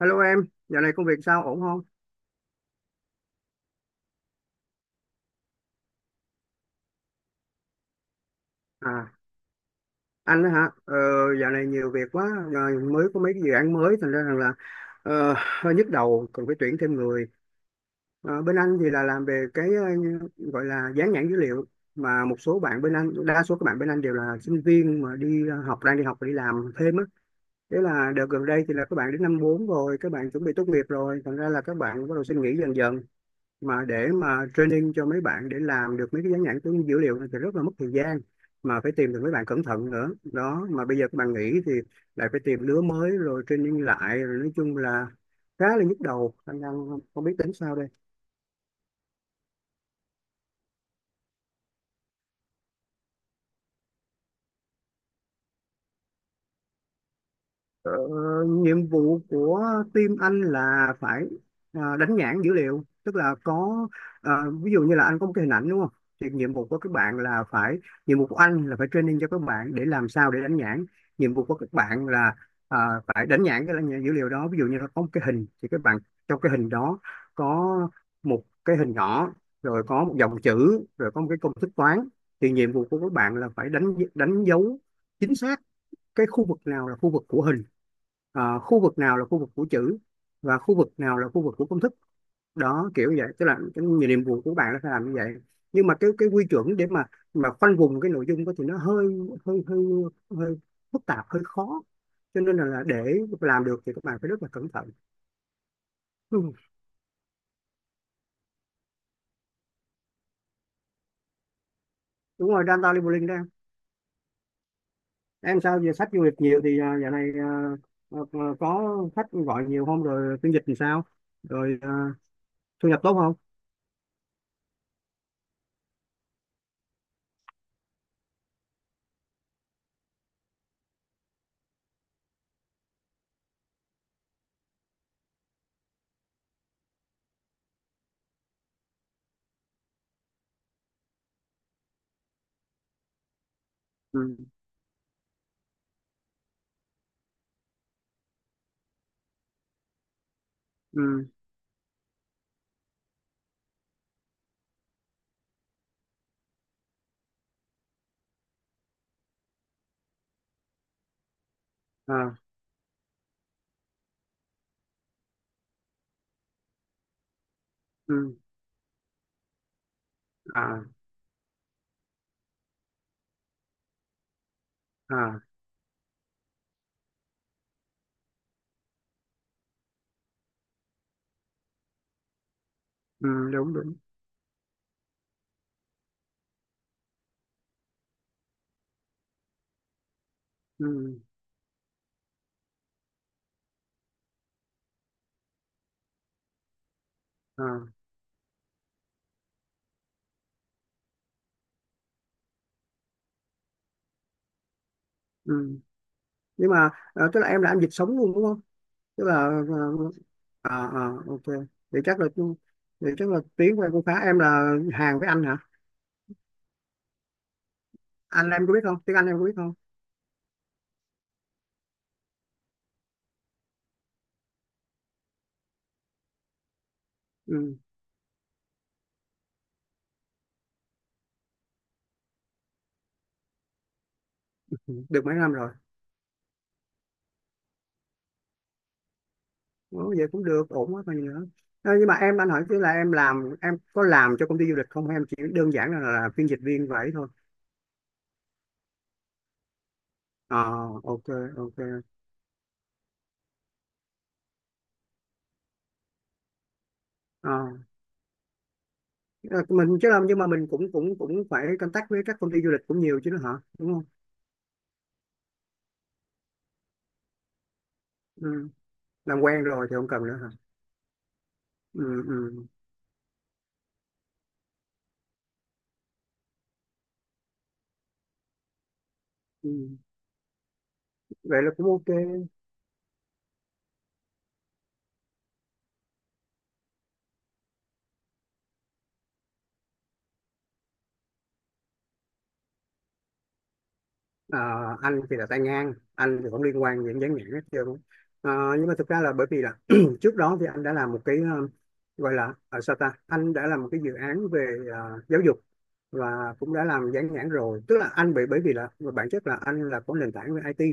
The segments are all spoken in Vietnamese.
Hello em, dạo này công việc sao ổn không? À, anh đó hả? Ờ, Dạo này nhiều việc quá, rồi mới có mấy cái dự án mới, thành ra rằng là ờ, hơi nhức đầu, cần phải tuyển thêm người. Bên anh thì là làm về cái gọi là dán nhãn dữ liệu, mà một số bạn bên anh, đa số các bạn bên anh đều là sinh viên mà đi học, đang đi học và đi làm thêm á. Thế là đợt gần đây thì là các bạn đến năm 4 rồi, các bạn chuẩn bị tốt nghiệp rồi, thành ra là các bạn bắt đầu xin nghỉ dần dần. Mà để training cho mấy bạn để làm được mấy cái dán nhãn của dữ liệu này thì rất là mất thời gian, mà phải tìm được mấy bạn cẩn thận nữa đó. Mà bây giờ các bạn nghỉ thì lại phải tìm lứa mới rồi training lại, rồi nói chung là khá là nhức đầu, anh đang không biết tính sao đây. Ờ, Nhiệm vụ của team anh là phải đánh nhãn dữ liệu, tức là có ví dụ như là anh có một cái hình ảnh đúng không, thì nhiệm vụ của anh là phải training cho các bạn để làm sao để đánh nhãn. Nhiệm vụ của các bạn là ờ, phải đánh nhãn dữ liệu đó. Ví dụ như là có một cái hình thì các bạn, trong cái hình đó có một cái hình nhỏ, rồi có một dòng chữ, rồi có một cái công thức toán, thì nhiệm vụ của các bạn là phải đánh đánh dấu chính xác cái khu vực nào là khu vực của hình, khu vực nào là khu vực của chữ, và khu vực nào là khu vực của công thức. Đó, kiểu như vậy, tức là cái nhiệm vụ của bạn nó sẽ làm như vậy. Nhưng mà cái quy chuẩn để mà khoanh vùng cái nội dung đó thì nó hơi hơi hơi hơi phức tạp, hơi khó. Cho nên là để làm được thì các bạn phải rất là cẩn thận. Ừ. Đúng rồi, data labeling đó em. Em sao giờ sách du lịch nhiều thì dạo này à, có khách gọi nhiều không, rồi phiên dịch thì sao, rồi thu nhập tốt không? Ừ. Ừ. À, ừ, à, à, ừ, đúng đúng, ừ, à, ừ, nhưng mà tức là em làm dịch sống luôn đúng không? Tức là ờ, à, à, ok. Thì chắc là thì chắc là tiếng của em cũng khá. Em là Hàn với Anh hả? Anh em có biết không Tiếng Anh em có biết không? Ừ, được mấy năm rồi? Ủa, vậy cũng được, ổn quá còn gì nữa. Nhưng mà em, anh hỏi chứ là em làm em có làm cho công ty du lịch không, hay em chỉ đơn giản là phiên dịch viên vậy thôi? À, ok, ok. Ờ, Ờ, mình chứ làm, nhưng mà mình cũng cũng cũng phải contact với các công ty du lịch cũng nhiều chứ nữa hả, đúng không? Ừ. Làm quen rồi thì không cần nữa hả? Ừ, ừ, ừ. Vậy là cũng ok. Ờ, anh thì là tay ngang, anh thì không liên quan đến dán nhãn hết trơn. Ờ, nhưng mà thực ra là bởi vì là trước đó thì anh đã làm một cái gọi là ở sao ta, anh đã làm một cái dự án về giáo dục và cũng đã làm dán nhãn rồi. Tức là anh bị bởi vì là về bản chất là anh là có nền tảng về IT,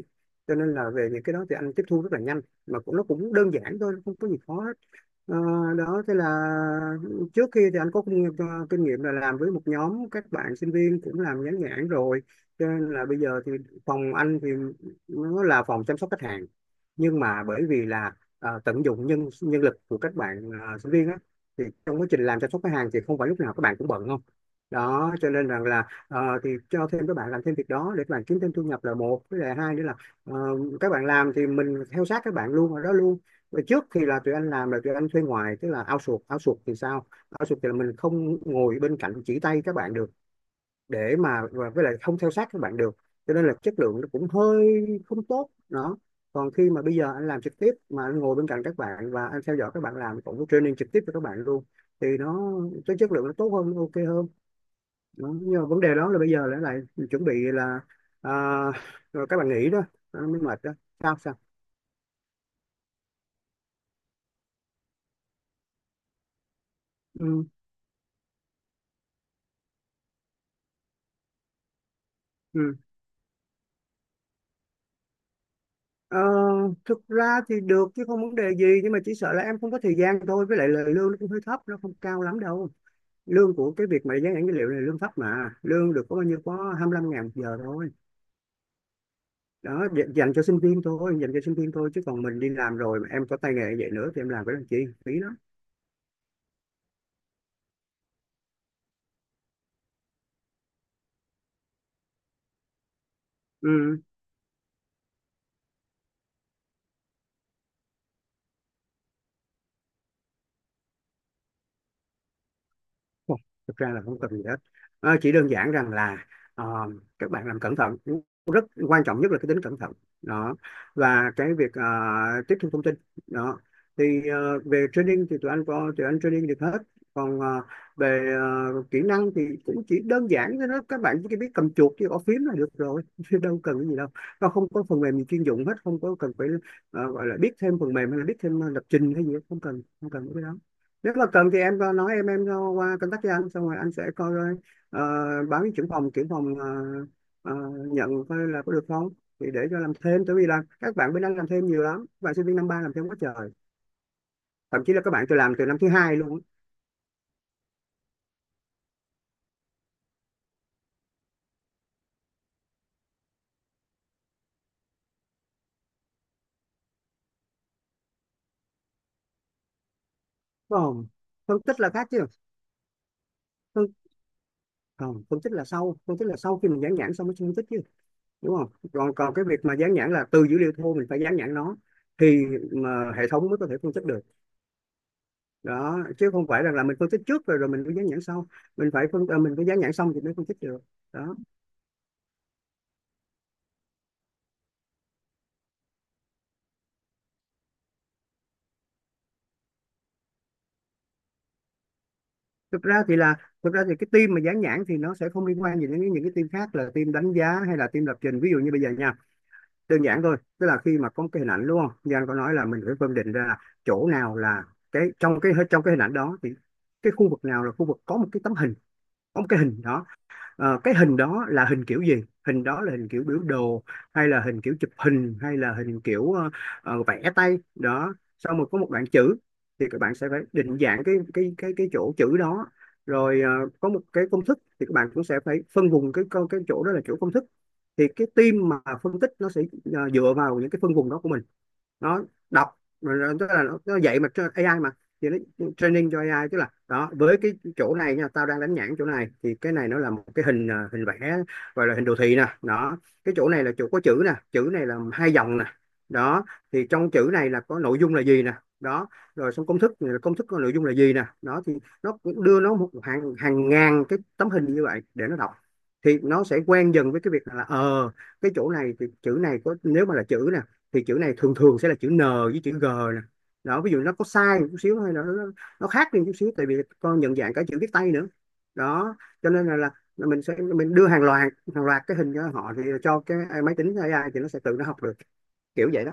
cho nên là về những cái đó thì anh tiếp thu rất là nhanh, mà cũng nó cũng đơn giản thôi, không có gì khó hết. Ờ, Đó, thế là trước kia thì anh có kinh nghiệm là làm với một nhóm các bạn sinh viên cũng làm dán nhãn rồi. Cho nên là bây giờ thì phòng anh thì nó là phòng chăm sóc khách hàng, nhưng mà bởi vì là tận dụng nhân nhân lực của các bạn sinh viên á, thì trong quá trình làm chăm sóc khách hàng thì không phải lúc nào các bạn cũng bận không. Đó, cho nên rằng là thì cho thêm các bạn làm thêm việc đó để các bạn kiếm thêm thu nhập là một, với lại hai nữa là ờ, các bạn làm thì mình theo sát các bạn luôn, ở đó luôn. Và trước thì là tụi anh làm là tụi anh thuê ngoài, tức là outsource outsource thì sao? Outsource thì là mình không ngồi bên cạnh chỉ tay các bạn được, để mà và với lại không theo sát các bạn được, cho nên là chất lượng nó cũng hơi không tốt đó. Còn khi mà bây giờ anh làm trực tiếp mà anh ngồi bên cạnh các bạn, và anh theo dõi các bạn làm, cũng có training trực tiếp cho các bạn luôn, thì nó cái chất lượng nó tốt hơn, nó ok hơn. Đó. Nhưng mà vấn đề đó là bây giờ lại lại chuẩn bị là à, rồi các bạn nghỉ đó, nó mới mệt đó. Sao sao? Ừ, ừ. Ờ, Thực ra thì được chứ, không vấn đề gì, nhưng mà chỉ sợ là em không có thời gian thôi, với lại lời lương nó cũng hơi thấp, nó không cao lắm đâu. Lương của cái việc mà dán nhãn dữ liệu này lương thấp mà, lương được có bao nhiêu, có 25.000 một giờ thôi. Đó, dành cho sinh viên thôi, dành cho sinh viên thôi, chứ còn mình đi làm rồi mà em có tay nghề vậy nữa thì em làm cái làm chi, phí lắm. Ừ. Không, thực ra là không cần gì hết. Chỉ đơn giản rằng là ờ, các bạn làm cẩn thận, rất quan trọng nhất là cái tính cẩn thận đó, và cái việc tiếp thu thông tin đó. Thì về training thì tụi anh training được hết. Còn về kỹ năng thì cũng chỉ đơn giản thôi đó, các bạn chỉ biết cầm chuột với gõ phím là được rồi chứ đâu cần cái gì đâu. Nó không có phần mềm gì chuyên dụng hết, không có cần phải gọi là biết thêm phần mềm, hay là biết thêm lập trình hay gì hết. Không cần, không cần cái đó. Nếu mà cần thì em có nói, em cho qua contact với anh, xong rồi anh sẽ coi coi, ờ, báo với trưởng phòng ờ, nhận coi là có được không, thì để cho làm thêm. Tại vì là các bạn bên anh làm thêm nhiều lắm, các bạn sinh viên năm ba làm thêm quá trời, thậm chí là các bạn từ làm từ năm thứ hai luôn á. Đúng không? Phân tích là khác chứ. phân, Không, phân tích là sau, phân tích là sau khi mình dán nhãn xong mới phân tích chứ, đúng không? Còn còn cái việc mà dán nhãn là từ dữ liệu thô mình phải dán nhãn nó, thì mà hệ thống mới có thể phân tích được. Đó, chứ không phải rằng là mình phân tích trước rồi rồi mình mới dán nhãn sau. Mình phải mình phải dán nhãn xong thì mới phân tích được. Đó. Thực ra thì là, thực ra thì cái team mà dán nhãn thì nó sẽ không liên quan gì đến những cái team khác là team đánh giá hay là team lập trình, ví dụ như bây giờ nha. Đơn giản thôi, tức là khi mà có cái hình ảnh đúng không, Giang có nói là mình phải phân định ra là chỗ nào là cái, trong cái trong cái hình ảnh đó thì cái khu vực nào là khu vực có một cái tấm hình, có một cái hình đó. Ờ, cái hình đó là hình kiểu gì? Hình đó là hình kiểu biểu đồ, hay là hình kiểu chụp hình, hay là hình kiểu vẽ tay đó. Xong rồi có một đoạn chữ thì các bạn sẽ phải định dạng cái chỗ chữ đó. Rồi có một cái công thức thì các bạn cũng sẽ phải phân vùng cái chỗ đó là chỗ công thức. Thì cái team mà phân tích nó sẽ dựa vào những cái phân vùng đó của mình, nó đọc rồi tức là nó dạy mà AI mà, thì nó training cho AI. Tức là đó, với cái chỗ này nha, tao đang đánh nhãn chỗ này thì cái này nó là một cái hình, hình vẽ, gọi là hình đồ thị nè đó. Cái chỗ này là chỗ có chữ nè, chữ này là hai dòng nè. Đó, thì trong chữ này là có nội dung là gì nè. Đó, rồi xong công thức, công thức có nội dung là gì nè. Đó thì nó cũng đưa nó một hàng hàng ngàn cái tấm hình như vậy để nó đọc, thì nó sẽ quen dần với cái việc là ờ, cái chỗ này thì chữ này có, nếu mà là chữ nè, thì chữ này thường thường sẽ là chữ N với chữ G nè. Đó, ví dụ nó có sai một chút xíu, hay là nó khác đi một chút xíu, tại vì con nhận dạng cả chữ viết tay nữa. Đó, cho nên là mình sẽ mình đưa hàng loạt cái hình cho họ, thì cho cái máy tính AI thì nó sẽ tự nó học được, kiểu vậy đó.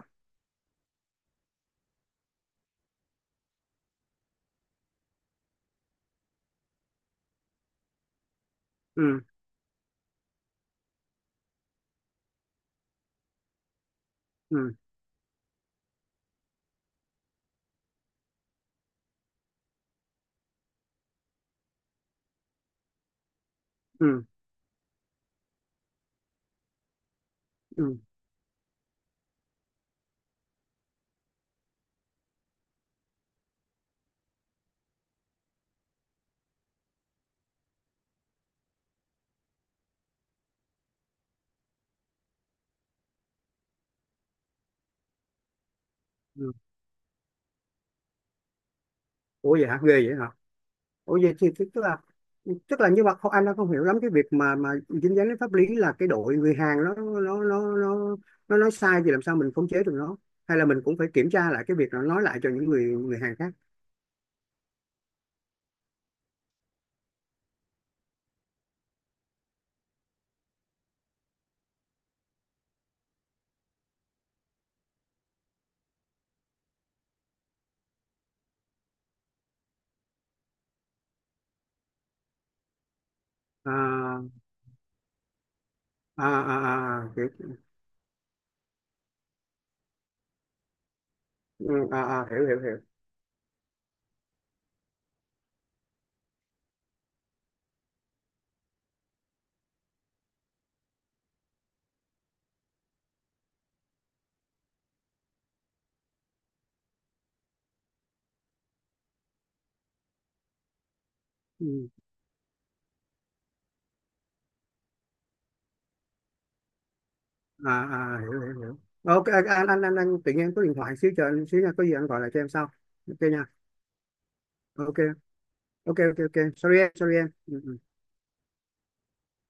Ừ, ừ, ừ, ừ, ừ. Ủa, vậy hả, ghê vậy hả. Ủa vậy thì tức tức là như vậy. Không, anh đang không hiểu lắm cái việc mà dính dáng đến pháp lý, là cái đội người Hàn nó nói sai thì làm sao mình khống chế được nó, hay là mình cũng phải kiểm tra lại cái việc nó nói lại cho những người người Hàn khác. À, à, à, à, hiểu. Ừ, à, à, hiểu, hiểu, hiểu. Ừ, à, à, hiểu, hiểu, hiểu. Ok, anh tự nhiên có điện thoại xíu, chờ anh xíu nha, có gì anh gọi lại cho em sau. Ok nha. Ok, ok, ok, ok, sorry em, sorry em. Ừ, ừ.